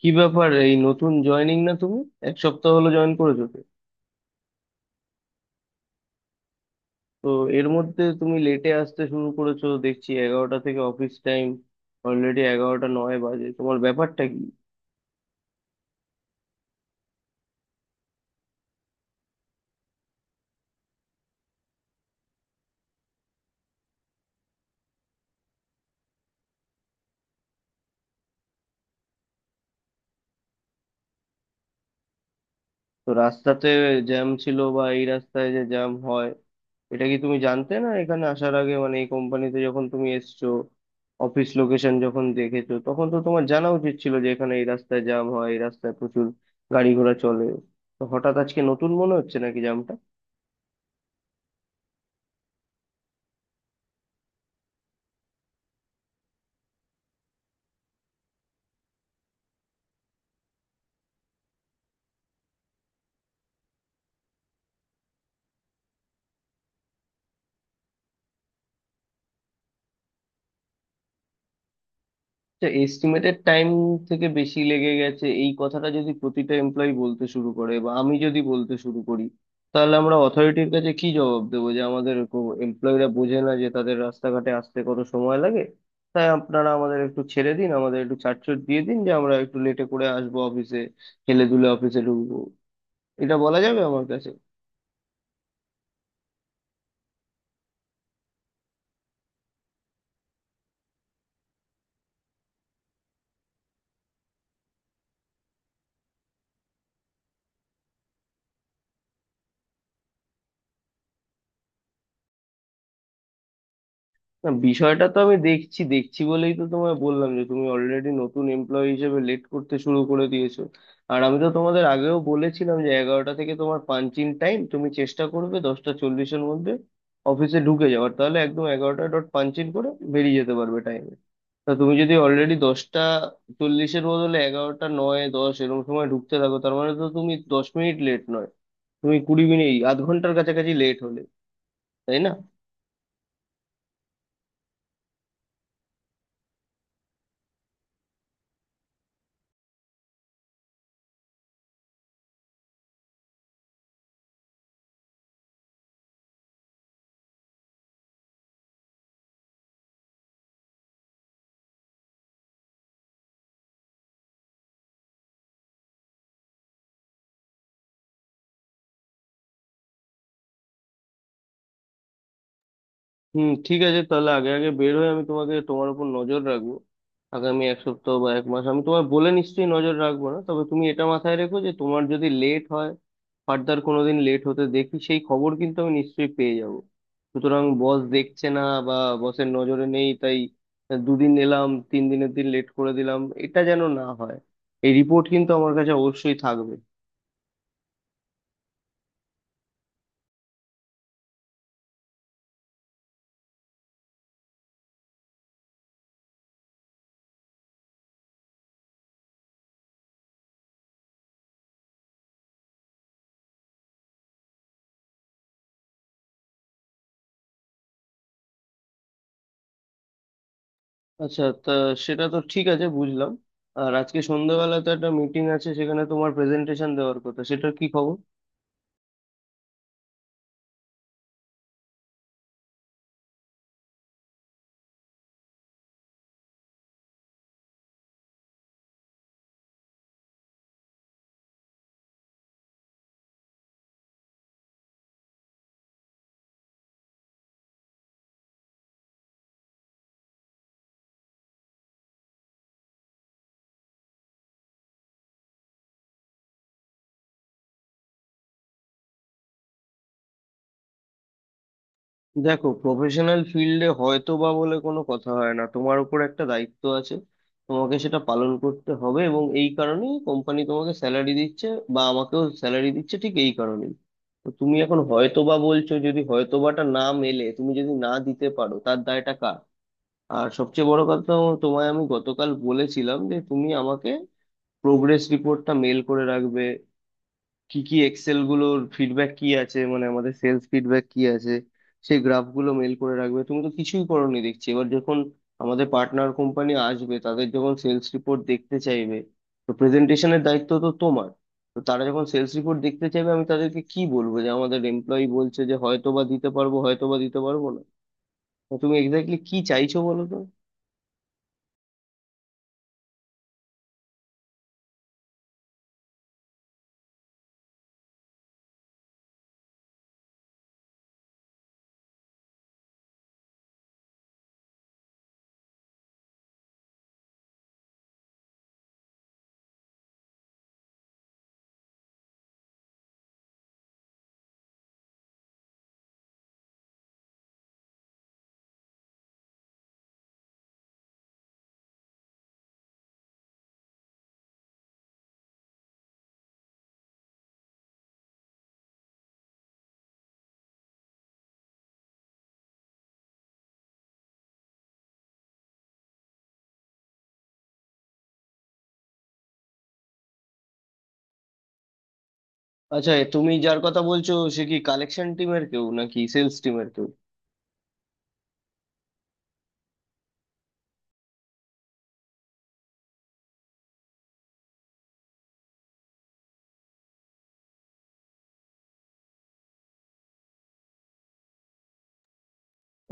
কি ব্যাপার, এই নতুন জয়েনিং না তুমি? এক সপ্তাহ হলো জয়েন করেছো তো তো এর মধ্যে তুমি লেটে আসতে শুরু করেছো দেখছি। 11টা থেকে অফিস টাইম, অলরেডি 11:09 বাজে, তোমার ব্যাপারটা কি? তো রাস্তাতে জ্যাম ছিল বা এই রাস্তায় যে জ্যাম হয়, এটা কি তুমি জানতে না এখানে আসার আগে? মানে এই কোম্পানিতে যখন তুমি এসছো, অফিস লোকেশন যখন দেখেছো, তখন তো তোমার জানা উচিত ছিল যে এখানে এই রাস্তায় জ্যাম হয়, এই রাস্তায় প্রচুর গাড়ি ঘোড়া চলে। তো হঠাৎ আজকে নতুন মনে হচ্ছে নাকি জ্যাম? আচ্ছা, এস্টিমেটেড টাইম থেকে বেশি লেগে গেছে, এই কথাটা যদি প্রতিটা এমপ্লয়ি বলতে শুরু করে বা আমি যদি বলতে শুরু করি, তাহলে আমরা অথরিটির কাছে কি জবাব দেবো? যে আমাদের এমপ্লয়িরা বোঝে না যে তাদের রাস্তাঘাটে আসতে কত সময় লাগে, তাই আপনারা আমাদের একটু ছেড়ে দিন, আমাদের একটু ছাড়ছুট দিয়ে দিন, যে আমরা একটু লেটে করে আসবো অফিসে, হেলে দুলে অফিসে ঢুকবো, এটা বলা যাবে আমার কাছে? না, বিষয়টা তো আমি দেখছি, দেখছি বলেই তো তোমায় বললাম যে তুমি অলরেডি নতুন এমপ্লয়ি হিসেবে লেট করতে শুরু করে দিয়েছো। আর আমি তো তোমাদের আগেও বলেছিলাম যে 11টা থেকে তোমার পাঞ্চিং টাইম, তুমি চেষ্টা করবে 10:40-এর মধ্যে অফিসে ঢুকে যাওয়ার, তাহলে একদম 11টা ডট পাঞ্চিং করে বেরিয়ে যেতে পারবে টাইমে। তা তুমি যদি অলরেডি 10টা চল্লিশের বদলে 11:09-10 এরকম সময় ঢুকতে থাকো, তার মানে তো তুমি 10 মিনিট লেট নয়, তুমি 20 মিনিট আধ ঘন্টার কাছাকাছি লেট হলে, তাই না? ঠিক আছে, তাহলে আগে আগে বের হয়ে আমি তোমাকে, তোমার উপর নজর রাখবো। আগামী এক সপ্তাহ বা এক মাস আমি তোমায় বলে নিশ্চয়ই নজর রাখবো না, তবে তুমি এটা মাথায় রেখো যে তোমার যদি লেট হয়, ফার্দার কোনোদিন লেট হতে দেখি সেই খবর কিন্তু আমি নিশ্চয়ই পেয়ে যাব। সুতরাং বস দেখছে না বা বসের নজরে নেই তাই দুদিন এলাম, তিন দিনের দিন লেট করে দিলাম, এটা যেন না হয়। এই রিপোর্ট কিন্তু আমার কাছে অবশ্যই থাকবে। আচ্ছা, তা সেটা তো ঠিক আছে, বুঝলাম। আর আজকে সন্ধ্যাবেলা তো একটা মিটিং আছে, সেখানে তোমার প্রেজেন্টেশন দেওয়ার কথা, সেটার কি খবর? দেখো, প্রফেশনাল ফিল্ডে হয়তো বা বলে কোনো কথা হয় না। তোমার উপর একটা দায়িত্ব আছে, তোমাকে সেটা পালন করতে হবে, এবং এই কারণেই কোম্পানি তোমাকে স্যালারি দিচ্ছে বা আমাকেও স্যালারি দিচ্ছে, ঠিক এই কারণেই। তো তুমি এখন হয়তো বা বলছো, যদি হয়তোবাটা না মেলে, তুমি যদি না দিতে পারো, তার দায়টা কার? আর সবচেয়ে বড় কথা, তোমায় আমি গতকাল বলেছিলাম যে তুমি আমাকে প্রোগ্রেস রিপোর্টটা মেল করে রাখবে, কি কি এক্সেল গুলোর ফিডব্যাক কি আছে, মানে আমাদের সেলস ফিডব্যাক কি আছে, সেই গ্রাফগুলো মেল করে রাখবে। তুমি তো কিছুই করোনি দেখছি। এবার যখন আমাদের পার্টনার কোম্পানি আসবে, তাদের যখন সেলস রিপোর্ট দেখতে চাইবে, তো প্রেজেন্টেশনের দায়িত্ব তো তোমার। তো তারা যখন সেলস রিপোর্ট দেখতে চাইবে, আমি তাদেরকে কি বলবো? যে আমাদের এমপ্লয়ি বলছে যে হয়তো বা দিতে পারবো, হয়তো বা দিতে পারবো না? তো তুমি এক্স্যাক্টলি কি চাইছো বলো তো? আচ্ছা, তুমি যার কথা বলছো, সে কি কালেকশন টিমের কেউ নাকি সেলস টিমের?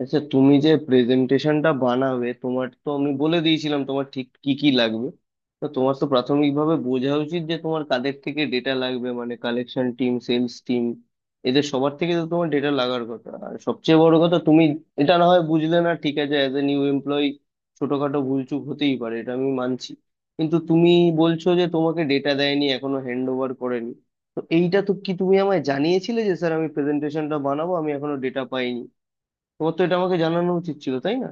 আচ্ছা, তুমি যে প্রেজেন্টেশনটা বানাবে, তোমার তো আমি বলে দিয়েছিলাম তোমার ঠিক কি কি লাগবে। তো তোমার তো প্রাথমিকভাবে বোঝা উচিত যে তোমার কাদের থেকে ডেটা লাগবে, মানে কালেকশন টিম, সেলস টিম, এদের সবার থেকে তো তোমার ডেটা লাগার কথা। আর সবচেয়ে বড় কথা, তুমি এটা না হয় বুঝলে না, ঠিক আছে, অ্যাজ এ নিউ এমপ্লয়ি ছোটখাটো ভুলচুক হতেই পারে, এটা আমি মানছি। কিন্তু তুমি বলছো যে তোমাকে ডেটা দেয়নি, এখনো হ্যান্ড ওভার করেনি, তো এইটা তো কি তুমি আমায় জানিয়েছিলে যে, স্যার, আমি প্রেজেন্টেশনটা বানাবো, আমি এখনো ডেটা পাইনি? তোমার তো এটা আমাকে জানানো উচিত ছিল, তাই না?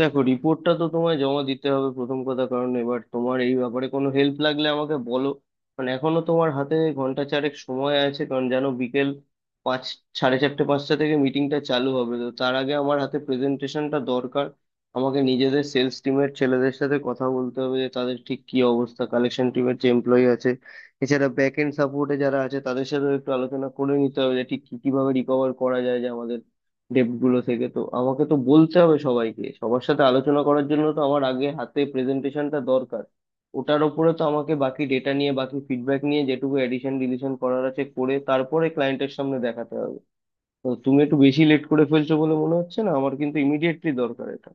দেখো, রিপোর্টটা তো তোমায় জমা দিতে হবে, প্রথম কথা। কারণ এবার তোমার এই ব্যাপারে কোনো হেল্প লাগলে আমাকে বলো। মানে এখনো তোমার হাতে ঘন্টা চারেক সময় আছে, কারণ জানো, বিকেল পাঁচ, 4:30 5টা থেকে মিটিংটা চালু হবে, তো তার আগে আমার হাতে প্রেজেন্টেশনটা দরকার। আমাকে নিজেদের সেলস টিমের ছেলেদের সাথে কথা বলতে হবে যে তাদের ঠিক কি অবস্থা, কালেকশন টিমের যে এমপ্লয়ি আছে, এছাড়া ব্যাক এন্ড সাপোর্টে যারা আছে তাদের সাথেও একটু আলোচনা করে নিতে হবে যে ঠিক কি, কিভাবে রিকভার করা যায় যে আমাদের ডেপ্ট গুলো থেকে। তো আমাকে তো বলতে হবে সবাইকে, সবার সাথে আলোচনা করার জন্য তো আমার আগে হাতে প্রেজেন্টেশনটা দরকার। ওটার উপরে তো আমাকে বাকি ডেটা নিয়ে, বাকি ফিডব্যাক নিয়ে যেটুকু এডিশন ডিলিশন করার আছে করে, তারপরে ক্লায়েন্টের সামনে দেখাতে হবে। তো তুমি একটু বেশি লেট করে ফেলছো বলে মনে হচ্ছে না আমার, কিন্তু ইমিডিয়েটলি দরকার এটা।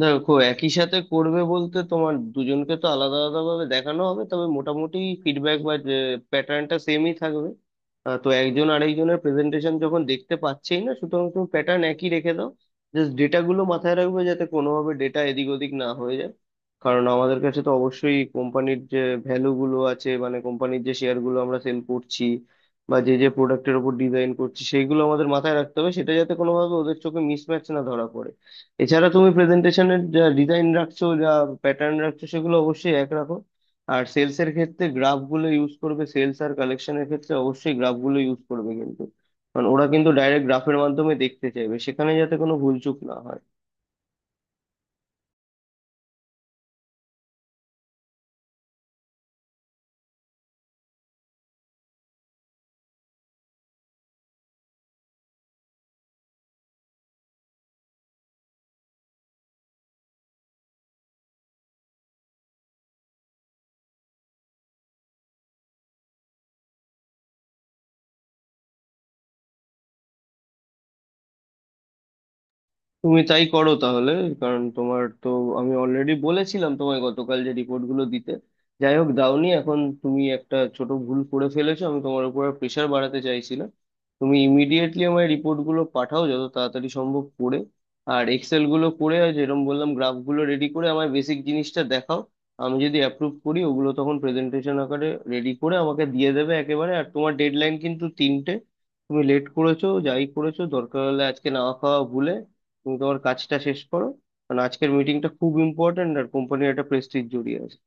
দেখো, একই সাথে করবে বলতে, তোমার দুজনকে তো আলাদা আলাদা ভাবে দেখানো হবে, তবে মোটামুটি ফিডব্যাক বা প্যাটার্নটা সেমই থাকবে। তো একজন আরেকজনের প্রেজেন্টেশন যখন দেখতে পাচ্ছেই না, সুতরাং তুমি প্যাটার্ন একই রেখে দাও। জাস্ট ডেটাগুলো মাথায় রাখবে যাতে কোনোভাবে ডেটা এদিক ওদিক না হয়ে যায়। কারণ আমাদের কাছে তো অবশ্যই কোম্পানির যে ভ্যালুগুলো আছে, মানে কোম্পানির যে শেয়ারগুলো আমরা সেল করছি বা যে যে প্রোডাক্টের উপর ডিজাইন করছি, সেইগুলো আমাদের মাথায় রাখতে হবে, সেটা যাতে কোনোভাবে ওদের চোখে মিসম্যাচ না ধরা পড়ে। এছাড়া তুমি প্রেজেন্টেশনের যা ডিজাইন রাখছো, যা প্যাটার্ন রাখছো, সেগুলো অবশ্যই এক রাখো। আর সেলস এর ক্ষেত্রে গ্রাফ গুলো ইউজ করবে, সেলস আর কালেকশনের ক্ষেত্রে অবশ্যই গ্রাফ গুলো ইউজ করবে, কিন্তু কারণ ওরা কিন্তু ডাইরেক্ট গ্রাফের মাধ্যমে দেখতে চাইবে, সেখানে যাতে কোনো ভুলচুক না হয়। তুমি তাই করো তাহলে। কারণ তোমার তো আমি অলরেডি বলেছিলাম তোমায় গতকাল যে রিপোর্ট গুলো দিতে। যাই হোক, দাওনি। এখন তুমি একটা ছোট ভুল করে ফেলেছো, আমি তোমার উপর প্রেশার বাড়াতে চাইছিলাম। তুমি ইমিডিয়েটলি আমার রিপোর্ট গুলো পাঠাও, যত তাড়াতাড়ি সম্ভব করে। আর এক্সেল গুলো করে, আর যেরকম বললাম গ্রাফ গুলো রেডি করে আমার বেসিক জিনিসটা দেখাও। আমি যদি অ্যাপ্রুভ করি ওগুলো, তখন প্রেজেন্টেশন আকারে রেডি করে আমাকে দিয়ে দেবে একেবারে। আর তোমার ডেডলাইন কিন্তু 3টা। তুমি লেট করেছো যাই করেছো, দরকার হলে আজকে না খাওয়া ভুলে তুমি তোমার কাজটা শেষ করো। কারণ আজকের মিটিংটা খুব ইম্পর্ট্যান্ট আর কোম্পানির একটা প্রেস্টিজ জড়িয়ে আছে।